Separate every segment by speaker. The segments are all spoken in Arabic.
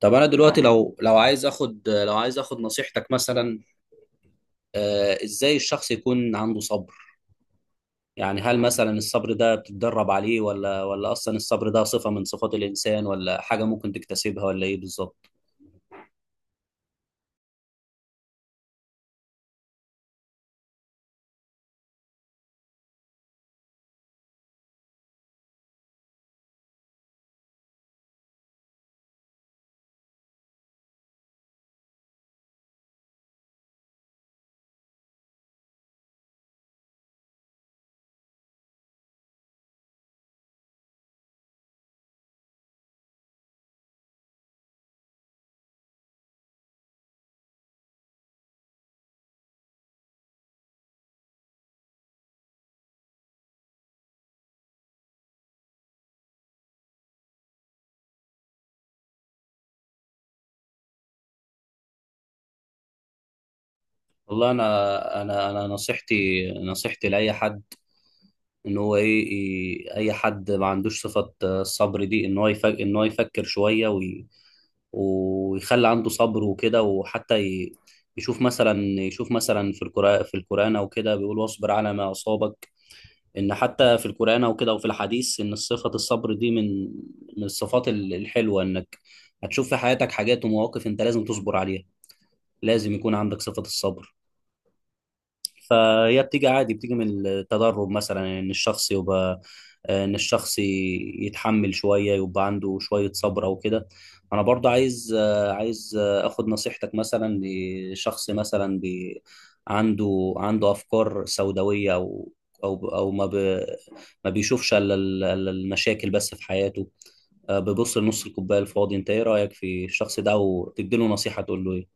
Speaker 1: طب انا دلوقتي لو عايز اخد نصيحتك مثلا. ازاي الشخص يكون عنده صبر؟ يعني هل مثلا الصبر ده بتتدرب عليه ولا اصلا الصبر ده صفة من صفات الانسان ولا حاجة ممكن تكتسبها ولا ايه بالظبط؟ والله انا نصيحتي لاي حد ان هو ايه إيه- اي حد ما عندوش صفة الصبر دي ان هو يفكر شوية ويخلي عنده صبر وكده، وحتى يشوف مثلا في القرآن او كده بيقول: واصبر على ما أصابك. ان حتى في القرآن او كده وفي الحديث ان صفة الصبر دي من الصفات الحلوة، انك هتشوف في حياتك حاجات ومواقف انت لازم تصبر عليها. لازم يكون عندك صفة الصبر. فهي بتيجي عادي، بتيجي من التدرب مثلا، ان الشخص يتحمل شويه، يبقى عنده شويه صبر او كده. انا برضه عايز اخد نصيحتك مثلا لشخص مثلا عنده افكار سوداويه، او ما بيشوفش إلا المشاكل بس في حياته، بيبص لنص الكوبايه الفاضي. انت ايه رايك في الشخص ده، وتديله نصيحه تقول له ايه؟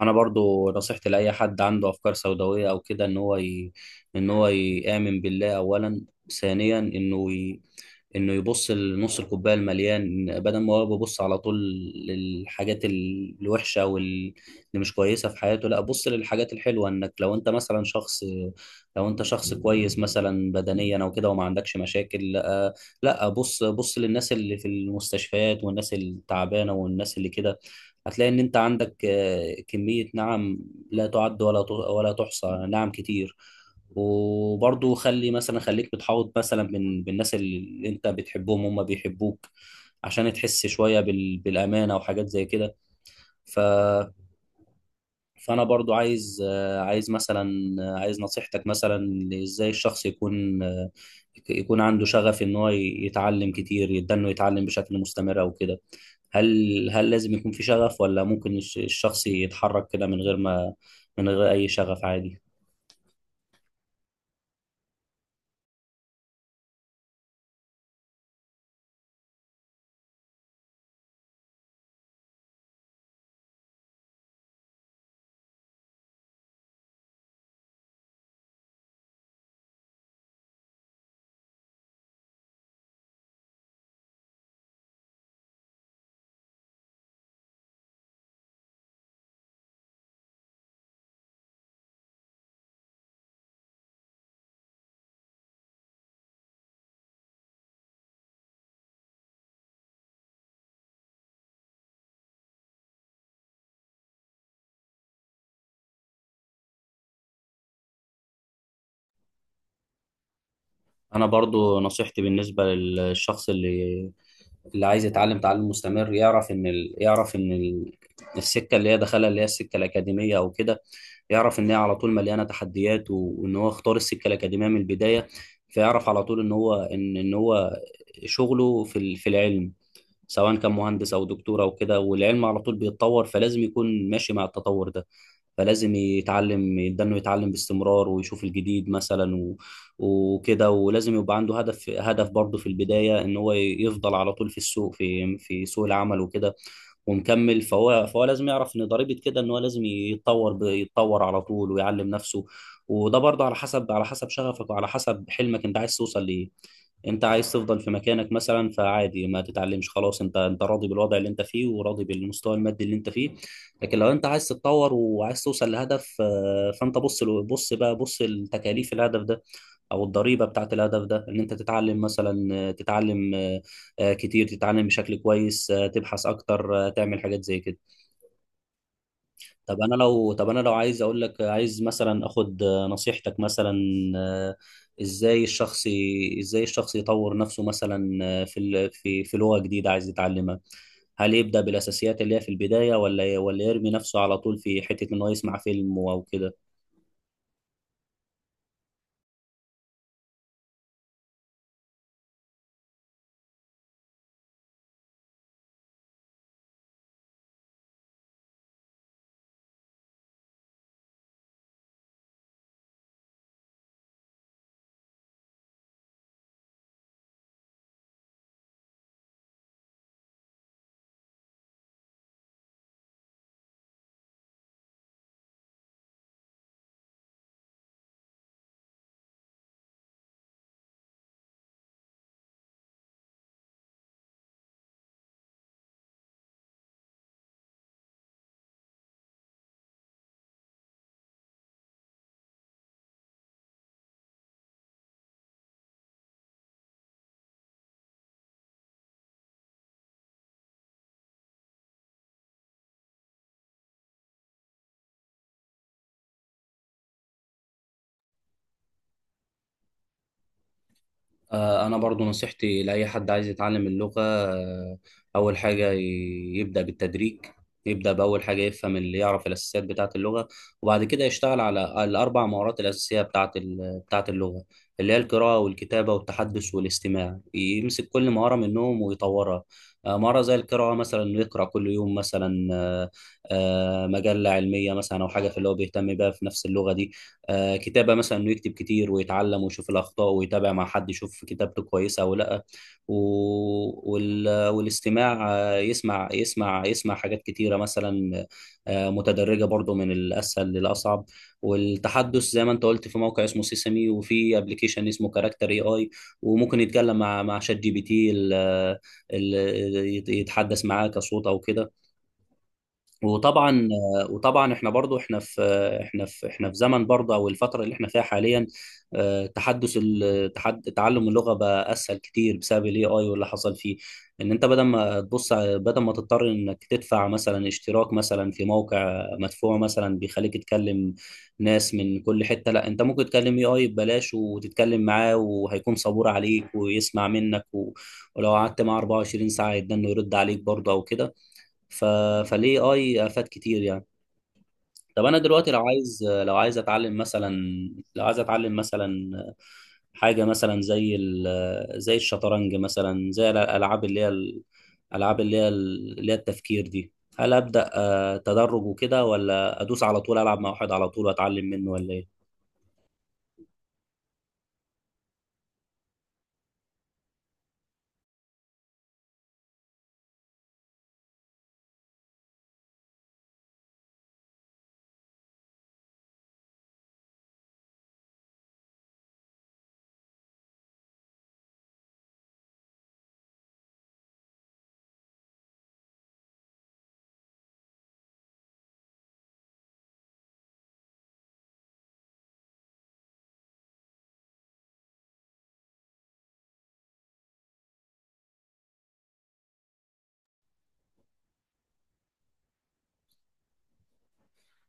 Speaker 1: انا برضو نصيحتي لاي حد عنده افكار سوداويه او كده ان هو يامن بالله اولا، ثانيا انه يبص لنص الكوبايه المليان، بدل ما هو بيبص على طول للحاجات الوحشه واللي مش كويسه في حياته. لا، بص للحاجات الحلوه، انك لو انت شخص كويس مثلا بدنيا او كده وما عندكش مشاكل، لا لا، بص بص للناس اللي في المستشفيات والناس التعبانه والناس اللي كده، هتلاقي ان انت عندك كميه، نعم، لا تعد ولا تحصى، نعم كتير. وبرضو خليك بتحاوط مثلا بالناس اللي انت بتحبهم هم بيحبوك، عشان تحس شوية بالأمانة وحاجات زي كده. ف... فأنا برضو عايز آه، عايز مثلا آه، عايز نصيحتك مثلا. ازاي الشخص يكون عنده شغف ان هو يتعلم كتير، يبدأ انه يتعلم بشكل مستمر او كده؟ هل لازم يكون في شغف، ولا ممكن الشخص يتحرك كده من غير أي شغف عادي؟ انا برضو نصيحتي بالنسبه للشخص اللي عايز يتعلم تعلم مستمر، يعرف ان السكه اللي هي السكه الاكاديميه او كده، يعرف ان هي على طول مليانه تحديات وان هو اختار السكه الاكاديميه من البدايه. فيعرف على طول ان هو شغله في العلم، سواء كان مهندس او دكتور او كده، والعلم على طول بيتطور، فلازم يكون ماشي مع التطور ده، فلازم يتعلم، يبدأ انه يتعلم باستمرار ويشوف الجديد مثلا وكده. ولازم يبقى عنده هدف، هدف برضه في البداية، ان هو يفضل على طول في السوق في في سوق العمل وكده ومكمل، فهو لازم يعرف ان ضريبه كده ان هو لازم يتطور على طول ويعلم نفسه. وده برضه على حسب شغفك وعلى حسب حلمك. انت عايز توصل لايه؟ انت عايز تفضل في مكانك مثلا؟ فعادي ما تتعلمش، خلاص، انت راضي بالوضع اللي انت فيه، وراضي بالمستوى المادي اللي انت فيه. لكن لو انت عايز تتطور وعايز توصل لهدف، فانت بص له- بص بقى بص لتكاليف الهدف ده، او الضريبه بتاعت الهدف ده، ان انت تتعلم مثلا آه، تتعلم آه، آه، كتير، تتعلم بشكل كويس، تبحث اكتر، تعمل حاجات زي كده. طب انا لو عايز اقول لك، عايز مثلا اخد نصيحتك مثلا. آه، ازاي الشخص يطور نفسه مثلا في ال- في في لغة جديدة عايز يتعلمها؟ هل يبدأ بالاساسيات اللي هي في البداية، ولا يرمي نفسه على طول في حتة ان هو يسمع فيلم او كده؟ أنا برضو نصيحتي لأي حد عايز يتعلم اللغة، أول حاجة يبدأ بالتدريج، يبدأ بأول حاجة، يفهم اللي يعرف الأساسيات بتاعة اللغة، وبعد كده يشتغل على الأربع مهارات الأساسية بتاعة اللغة، اللي هي القراءة والكتابة والتحدث والاستماع. يمسك كل مهارة منهم ويطورها. مهارة زي القراءة مثلا، إنه يقرأ كل يوم مثلا مجلة علمية مثلا، أو حاجة في اللي هو بيهتم بيها في نفس اللغة دي. كتابة مثلا، انه يكتب كتير ويتعلم ويشوف الاخطاء ويتابع مع حد يشوف كتابته كويسة او لا. و... والاستماع، يسمع حاجات كتيرة مثلا، متدرجة برضو من الاسهل للاصعب. والتحدث، زي ما انت قلت، في موقع اسمه سيسمي، وفي ابلكيشن اسمه كاركتر اي اي، وممكن يتكلم مع شات جي بي تي، يتحدث معاه كصوت او كده. وطبعا، وطبعا احنا برضو احنا في احنا في احنا في زمن برضو، او الفتره اللي احنا فيها حاليا، تحدث ال- تحد تعلم اللغه بقى اسهل كتير، بسبب الاي اي واللي حصل فيه، ان انت بدل ما تضطر انك تدفع مثلا اشتراك مثلا في موقع مدفوع مثلا بيخليك تكلم ناس من كل حته، لا، انت ممكن تكلم اي اي ببلاش وتتكلم معاه، وهيكون صبور عليك ويسمع منك، ولو قعدت معاه 24 ساعه يدنه يرد عليك برضه او كده. ف... فالاي اي افاد كتير يعني. طب انا دلوقتي لو عايز اتعلم مثلا حاجه مثلا زي الشطرنج مثلا، زي الالعاب اللي هي التفكير دي، هل ابدا تدرج وكده، ولا ادوس على طول، العب مع واحد على طول واتعلم منه، ولا ايه؟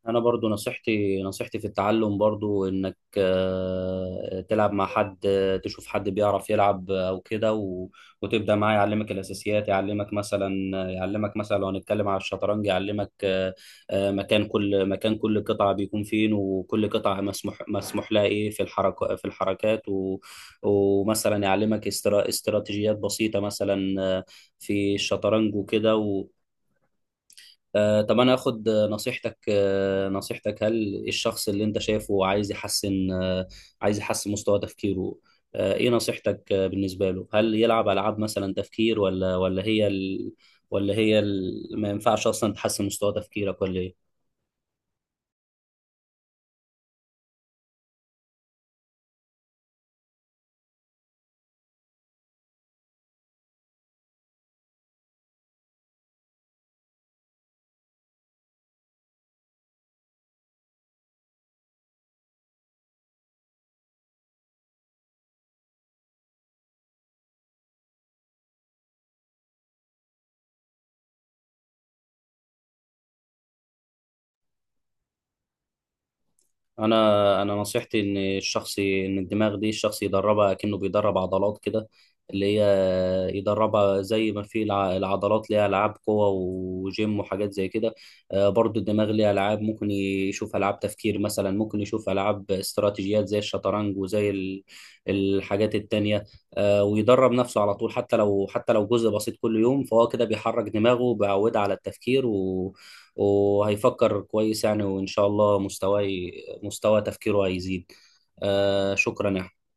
Speaker 1: انا برضو نصيحتي في التعلم برضو انك تلعب مع حد، تشوف حد بيعرف يلعب او كده، وتبدا معاه يعلمك الاساسيات، يعلمك مثلا لو هنتكلم على الشطرنج، يعلمك مكان كل قطعه بيكون فين، وكل قطعه مسموح لها ايه في الحركات، ومثلا يعلمك استراتيجيات بسيطه مثلا في الشطرنج وكده. طب انا اخد نصيحتك. هل إيه الشخص اللي انت شايفه عايز يحسن مستوى تفكيره؟ ايه نصيحتك بالنسبة له؟ هل يلعب العاب مثلا تفكير، ولا ما ينفعش اصلا تحسن مستوى تفكيرك، ولا ايه؟ انا نصيحتي ان الدماغ دي الشخص يدربها، كأنه بيدرب عضلات كده، اللي هي يدربها زي ما في العضلات، ليها العاب قوة وجيم وحاجات زي كده. برضو الدماغ ليها العاب، ممكن يشوف العاب تفكير مثلا، ممكن يشوف العاب استراتيجيات زي الشطرنج، وزي الحاجات التانية. ويدرب نفسه على طول، حتى لو جزء بسيط كل يوم، فهو كده بيحرك دماغه، بيعودها على التفكير، وهيفكر كويس يعني، وإن شاء الله مستوى تفكيره هيزيد. شكرا يا